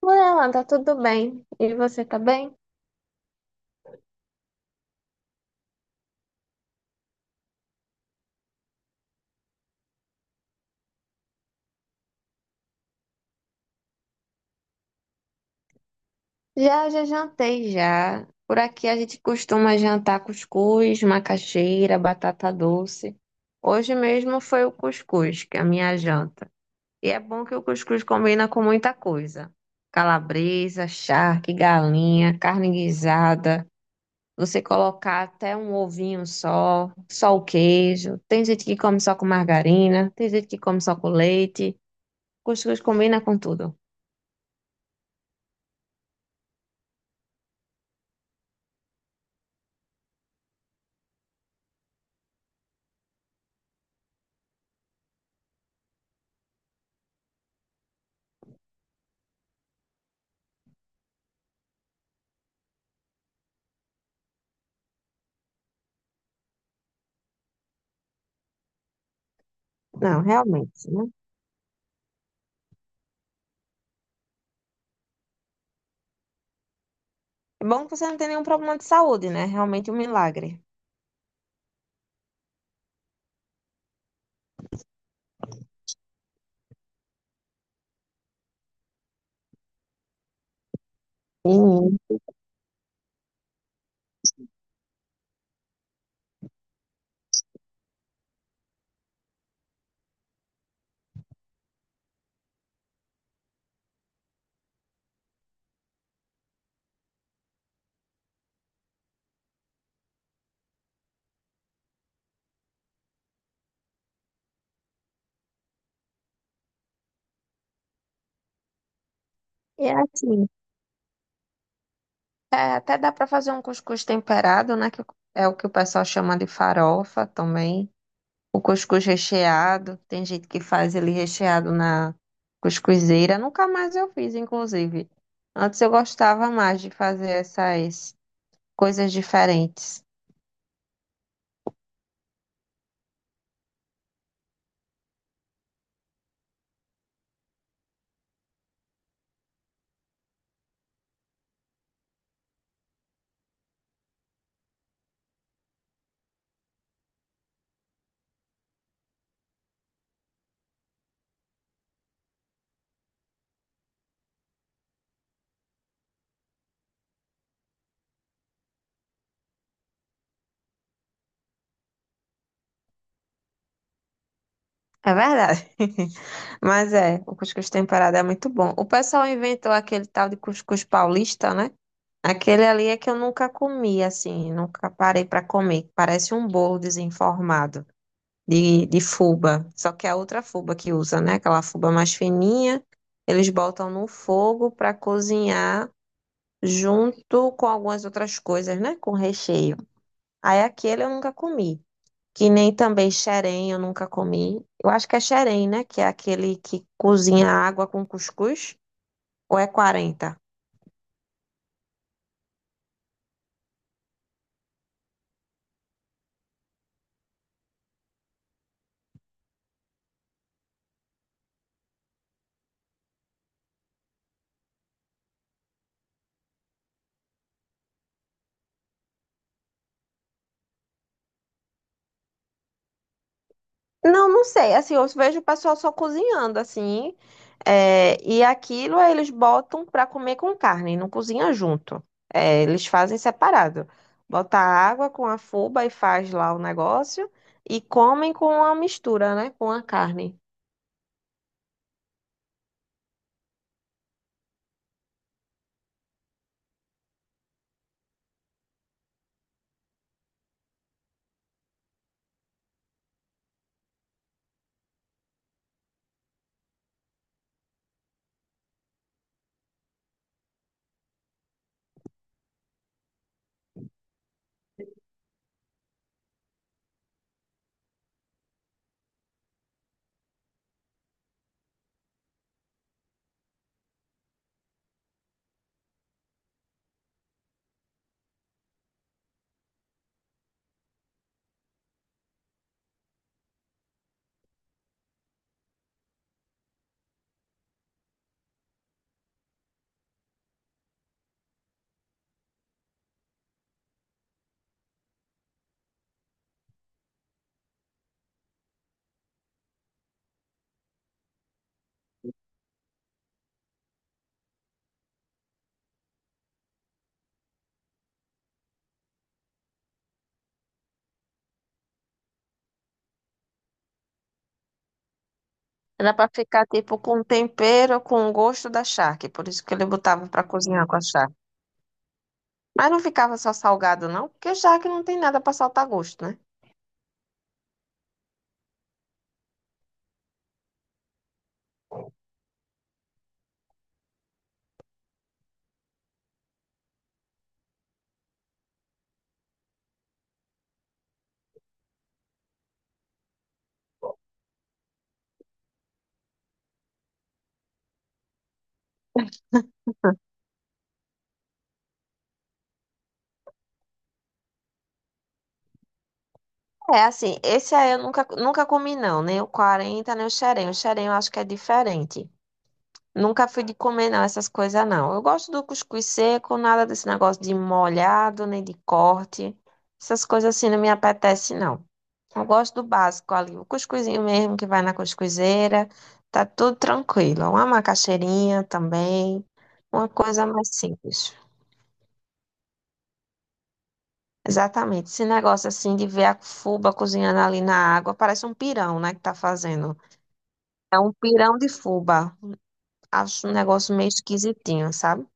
Por ela, tá tudo bem. E você tá bem? Já jantei já. Por aqui a gente costuma jantar cuscuz, macaxeira, batata doce. Hoje mesmo foi o cuscuz, que é a minha janta. E é bom que o cuscuz combina com muita coisa. Calabresa, charque, galinha, carne guisada. Você colocar até um ovinho só, só o queijo. Tem gente que come só com margarina, tem gente que come só com leite. Cuscuz combina com tudo. Não, realmente, né? É bom que você não tem nenhum problema de saúde, né? Realmente um milagre. Sim. E assim, é, até dá para fazer um cuscuz temperado, né? Que é o que o pessoal chama de farofa também. O cuscuz recheado, tem gente que faz ele recheado na cuscuzeira. Nunca mais eu fiz, inclusive. Antes eu gostava mais de fazer essas coisas diferentes. É verdade. Mas é, o cuscuz temperado é muito bom. O pessoal inventou aquele tal de cuscuz paulista, né? Aquele ali é que eu nunca comi, assim, nunca parei para comer. Parece um bolo desenformado de fubá. Só que é a outra fubá que usa, né? Aquela fubá mais fininha, eles botam no fogo para cozinhar junto com algumas outras coisas, né? Com recheio. Aí aquele eu nunca comi. Que nem também xerém eu nunca comi. Eu acho que é xerém, né? Que é aquele que cozinha água com cuscuz. Ou é 40? Não, não sei. Assim, eu vejo o pessoal só cozinhando, assim. É, e aquilo aí eles botam pra comer com carne, não cozinha junto. É, eles fazem separado. Bota água com a fuba e faz lá o negócio. E comem com a mistura, né? Com a carne. Era pra ficar, tipo, com tempero, com o gosto da charque. Por isso que ele botava pra cozinhar com a charque. Mas não ficava só salgado, não. Porque charque não tem nada pra saltar gosto, né? É, assim, esse aí eu nunca comi não, nem o 40 nem o xerém. O xerém eu acho que é diferente. Nunca fui de comer não, essas coisas não. Eu gosto do cuscuz seco, nada desse negócio de molhado, nem de corte. Essas coisas assim não me apetece não. Eu gosto do básico ali, o cuscuzinho mesmo que vai na cuscuzeira, tá tudo tranquilo. Uma macaxeirinha também, uma coisa mais simples. Exatamente, esse negócio assim de ver a fuba cozinhando ali na água, parece um pirão, né, que tá fazendo. É um pirão de fubá. Acho um negócio meio esquisitinho, sabe?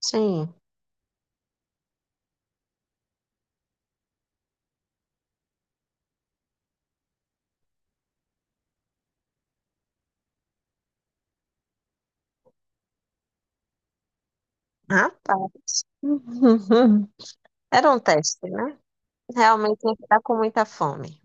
Sim. Rapaz. Era um teste, né? Realmente tinha que estar com muita fome.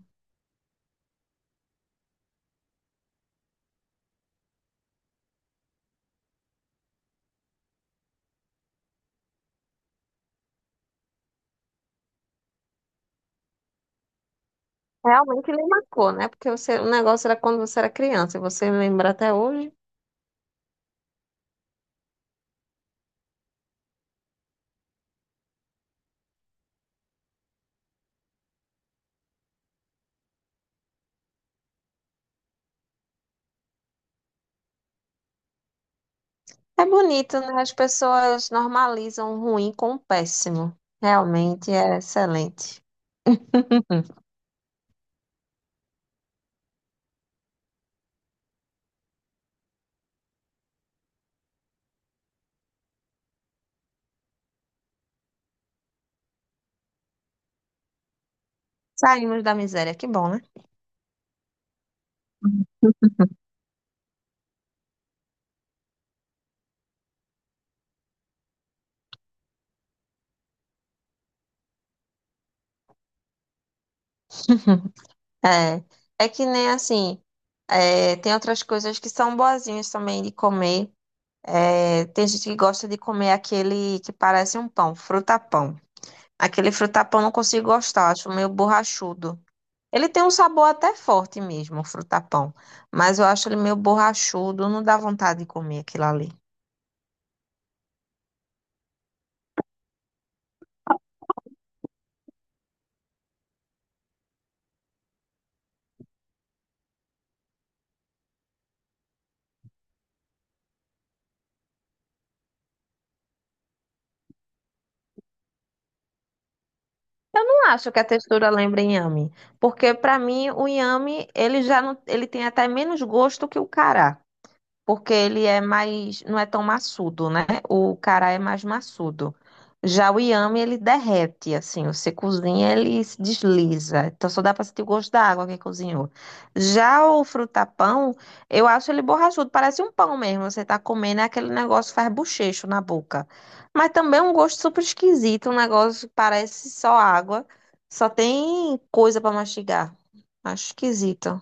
Realmente lhe marcou, né? Porque você- o negócio era quando você era criança e você lembra até hoje. É bonito, né? As pessoas normalizam o ruim com o péssimo. Realmente é excelente. Saímos da miséria, que bom, né? É, é que nem assim, é, tem outras coisas que são boazinhas também de comer. É, tem gente que gosta de comer aquele que parece um pão, frutapão. Aquele frutapão eu não consigo gostar, acho meio borrachudo. Ele tem um sabor até forte mesmo, o frutapão, mas eu acho ele meio borrachudo, não dá vontade de comer aquilo ali. Não acho que a textura lembra inhame, porque para mim o inhame, ele já não, ele tem até menos gosto que o cará. Porque ele é mais, não é tão massudo, né? O cará é mais massudo. Já o inhame, ele derrete, assim, você cozinha, ele se desliza. Então só dá para sentir o gosto da água que cozinhou. Já o frutapão, eu acho ele borrachudo, parece um pão mesmo. Você tá comendo, é aquele negócio que faz bochecho na boca. Mas também é um gosto super esquisito, um negócio que parece só água, só tem coisa para mastigar. Acho esquisito.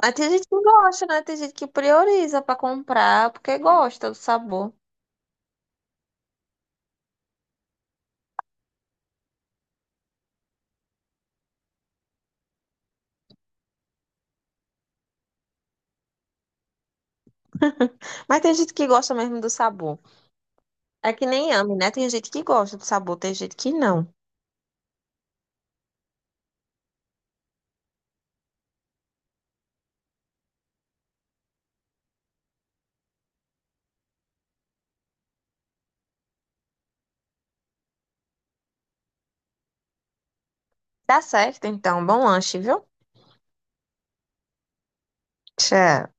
Mas tem gente que gosta, né? Tem gente que prioriza pra comprar porque gosta do sabor. Mas tem gente que gosta mesmo do sabor. É que nem ame, né? Tem gente que gosta do sabor, tem gente que não. Tá certo, então. Bom lanche, viu? Tchau.